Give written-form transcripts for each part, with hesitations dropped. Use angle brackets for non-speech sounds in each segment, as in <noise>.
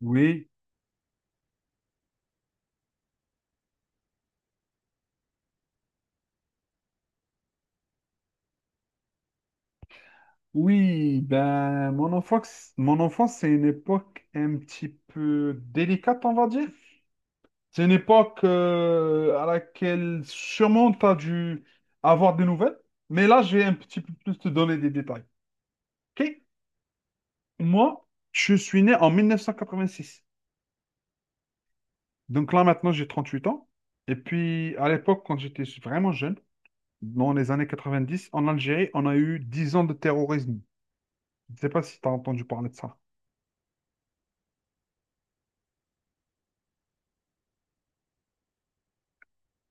Oui, oui, ben mon enfance, c'est une époque un petit peu délicate, on va dire. C'est une époque à laquelle sûrement tu as dû avoir des nouvelles, mais là, je vais un petit peu plus te donner des détails. OK? Moi, je suis né en 1986. Donc là, maintenant, j'ai 38 ans. Et puis, à l'époque, quand j'étais vraiment jeune, dans les années 90, en Algérie, on a eu 10 ans de terrorisme. Je ne sais pas si tu as entendu parler de ça.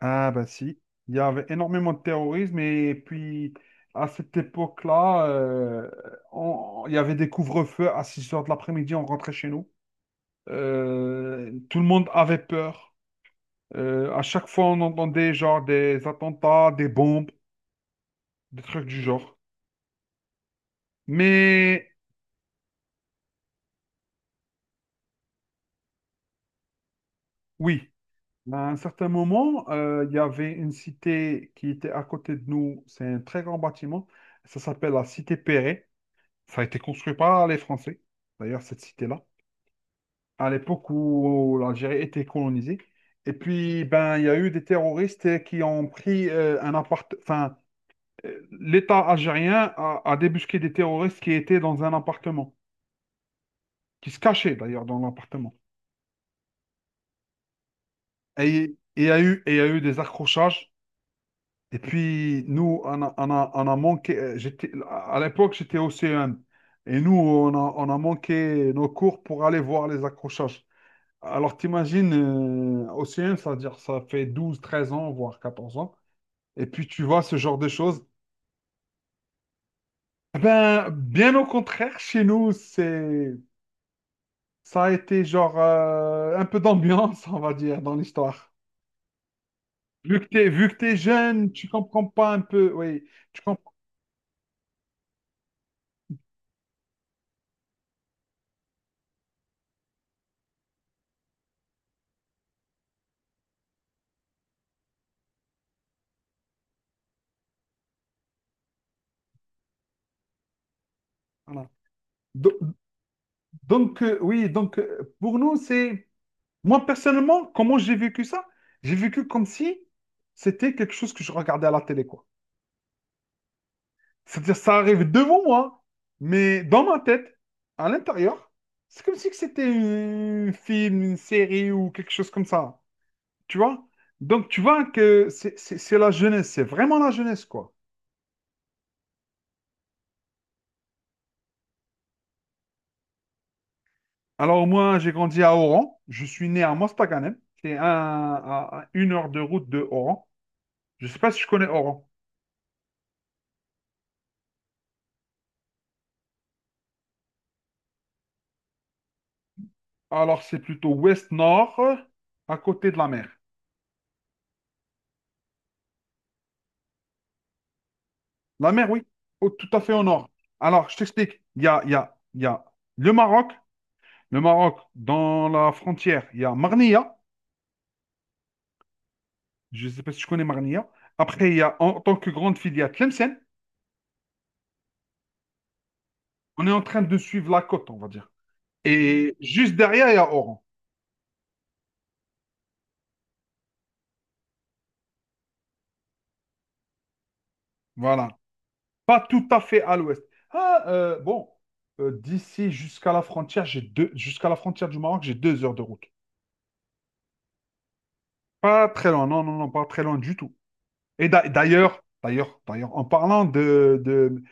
Ah bah si, il y avait énormément de terrorisme et puis à cette époque-là, il y avait des couvre-feux à 6 heures de l'après-midi, on rentrait chez nous. Tout le monde avait peur. À chaque fois, on entendait genre des attentats, des bombes, des trucs du genre. Mais oui, à un certain moment, il y avait une cité qui était à côté de nous, c'est un très grand bâtiment, ça s'appelle la cité Perret, ça a été construit par les Français, d'ailleurs cette cité-là, à l'époque où l'Algérie était colonisée. Et puis, ben, il y a eu des terroristes qui ont pris un appart... Enfin, l'État algérien a débusqué des terroristes qui étaient dans un appartement, qui se cachaient d'ailleurs dans l'appartement. Et il y a eu, et il y a eu des accrochages. Et puis, nous, on a manqué... J'étais, à l'époque, j'étais au CEM. Et nous, on a manqué nos cours pour aller voir les accrochages. Alors, t'imagines, océan, c'est-à-dire ça fait 12, 13 ans, voire 14 ans, et puis tu vois ce genre de choses. Eh ben, bien au contraire, chez nous, c'est, ça a été genre un peu d'ambiance, <laughs> on va dire, dans l'histoire. Vu que t'es jeune, tu comprends pas un peu, oui, tu comprends. Voilà. Do- Donc, pour nous, c'est, moi personnellement, comment j'ai vécu ça? J'ai vécu comme si c'était quelque chose que je regardais à la télé, quoi. C'est-à-dire, ça arrive devant moi, mais dans ma tête, à l'intérieur, c'est comme si que c'était un film, une série ou quelque chose comme ça. Tu vois? Donc, tu vois que c'est la jeunesse, c'est vraiment la jeunesse, quoi. Alors, moi, j'ai grandi à Oran. Je suis né à Mostaganem. À une heure de route de Oran. Je ne sais pas si je connais Oran. Alors, c'est plutôt ouest-nord, à côté de la mer. La mer, oui, tout à fait au nord. Alors, je t'explique. Il y a le Maroc. Le Maroc, dans la frontière, il y a Marnia. Je ne sais pas si tu connais Marnia. Après, il y a en tant que grande filiale, il y a Tlemcen. On est en train de suivre la côte, on va dire. Et juste derrière, il y a Oran. Voilà. Pas tout à fait à l'ouest. Ah, bon, d'ici jusqu'à la frontière, jusqu'à la frontière du Maroc, j'ai 2 heures de route. Pas très loin, non, non, non, pas très loin du tout. D'ailleurs, en parlant de, de,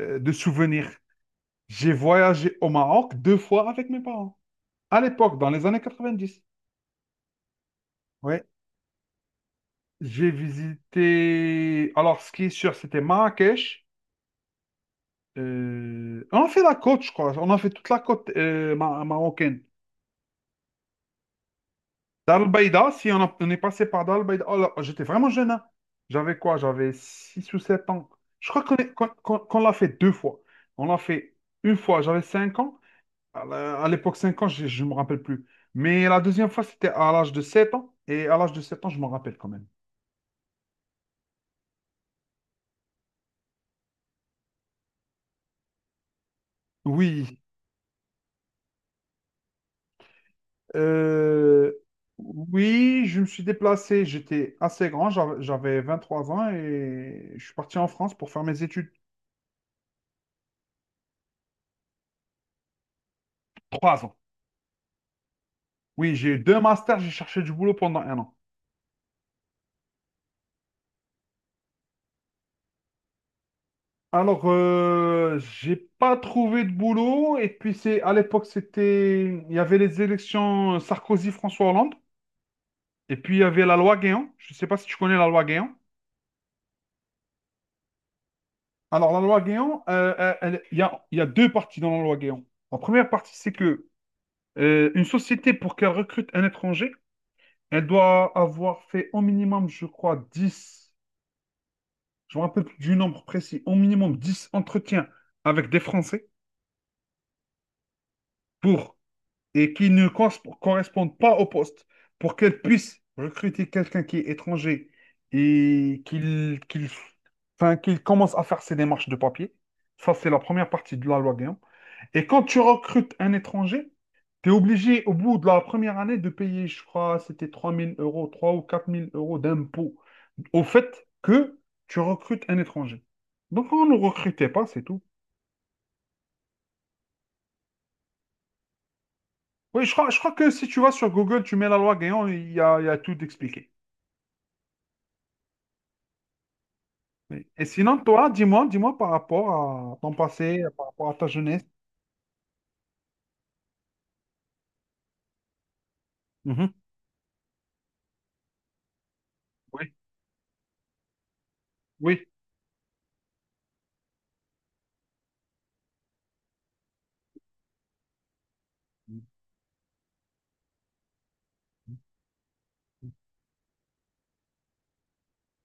euh, de souvenirs, j'ai voyagé au Maroc 2 fois avec mes parents. À l'époque, dans les années 90, ouais, j'ai visité. Alors, ce qui est sûr, c'était Marrakech. On a fait la côte, je crois. On a fait toute la côte marocaine. Dar el Beida, si on, a- on est passé par Dar el Beida. Oh là, j'étais vraiment jeune, hein. J'avais quoi? J'avais 6 ou 7 ans. Je crois qu'on est- qu'on, qu'on- qu'on l'a fait 2 fois. On l'a fait une fois, j'avais 5 ans. À l'époque, 5 ans, je ne me rappelle plus. Mais la deuxième fois, c'était à l'âge de 7 ans. Et à l'âge de 7 ans, je m'en rappelle quand même. Oui, Euh, oui, je me suis déplacé. J'étais assez grand, j'avais 3 ans et je suis parti en France pour faire mes études. Trois ans. Oui, j'ai eu 2 masters, j'ai cherché du boulot pendant 1 an. Alors, j'ai pas trouvé de boulot et puis c'est à l'époque c'était il y avait les élections Sarkozy-François Hollande et puis il y avait la loi Guéant. Je ne sais pas si tu connais la loi Guéant. Alors la loi Guéant, il y a 2 parties dans la loi Guéant. La première partie c'est que une société, pour qu'elle recrute un étranger, elle doit avoir fait au minimum, je crois, 10, je me rappelle plus du nombre précis, au minimum 10 entretiens avec des Français pour et qui ne cons- correspondent pas au poste pour qu'elle puisse recruter quelqu'un qui est étranger et qu'il enfin, qu'il commence à faire ses démarches de papier. Ça, c'est la première partie de la loi Guillaume. Et quand tu recrutes un étranger, tu es obligé, au bout de la première année, de payer, je crois, c'était 3 000 euros, 3 ou 4 000 euros d'impôts au fait que tu recrutes un étranger. Donc, on ne recrutait pas, c'est tout. Oui, je crois que si tu vas sur Google, tu mets la loi Guéant, il y a tout expliqué. Oui. Et sinon, toi, dis-moi, dis-moi par rapport à ton passé, par rapport à ta jeunesse. Mhm. Oui, oui.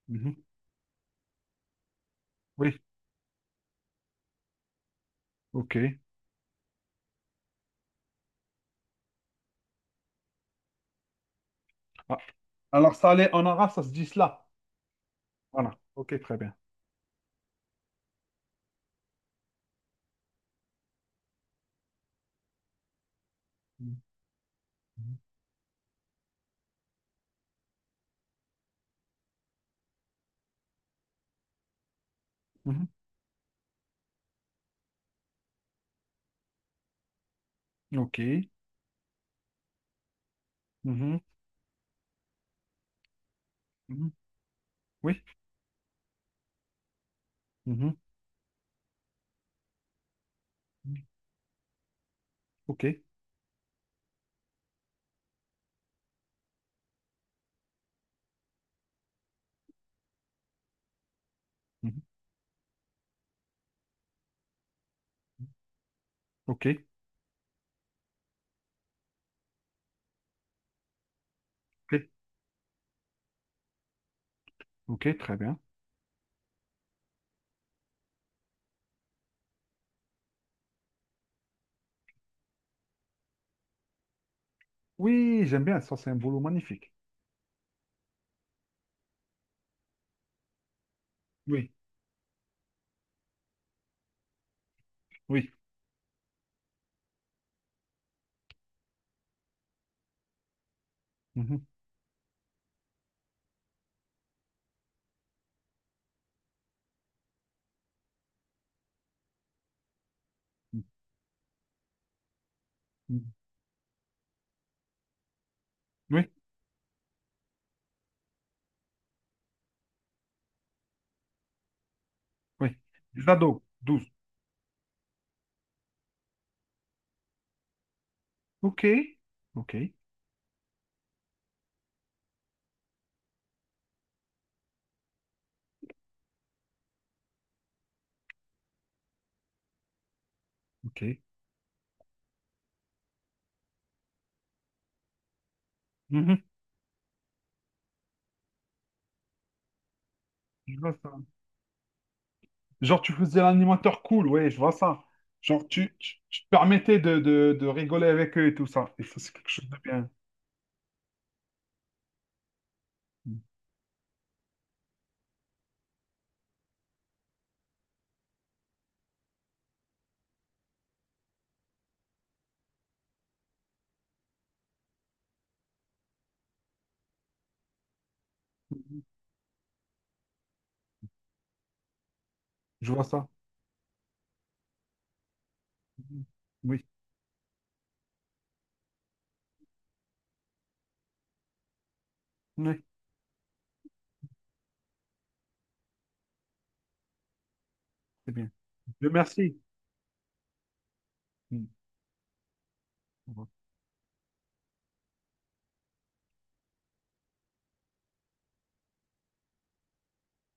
Mhm. Oui, ok. Ah, alors, ça allait en arabe, ça se dit cela. Voilà, ok, très bien. Mhm. Mhm. Ok. Mhm. Mhm. Oui. Mhm. Ok. Mhm. Ok. Ok. Ok, très bien. Oui, j'aime bien. Ça, c'est un boulot magnifique. Oui. Oui. Mhm. Mhm. Oui. Oui. Les ados, 12. Ok. Ok. Ok. Mhm. Je vois ça. Genre, tu faisais l'animateur cool, ouais, je vois ça. Genre, tu te permettais de rigoler avec eux et tout ça. Et ça, c'est quelque chose de bien. Je vois ça. Oui, oui, c'est bien. Dieu merci. Mm.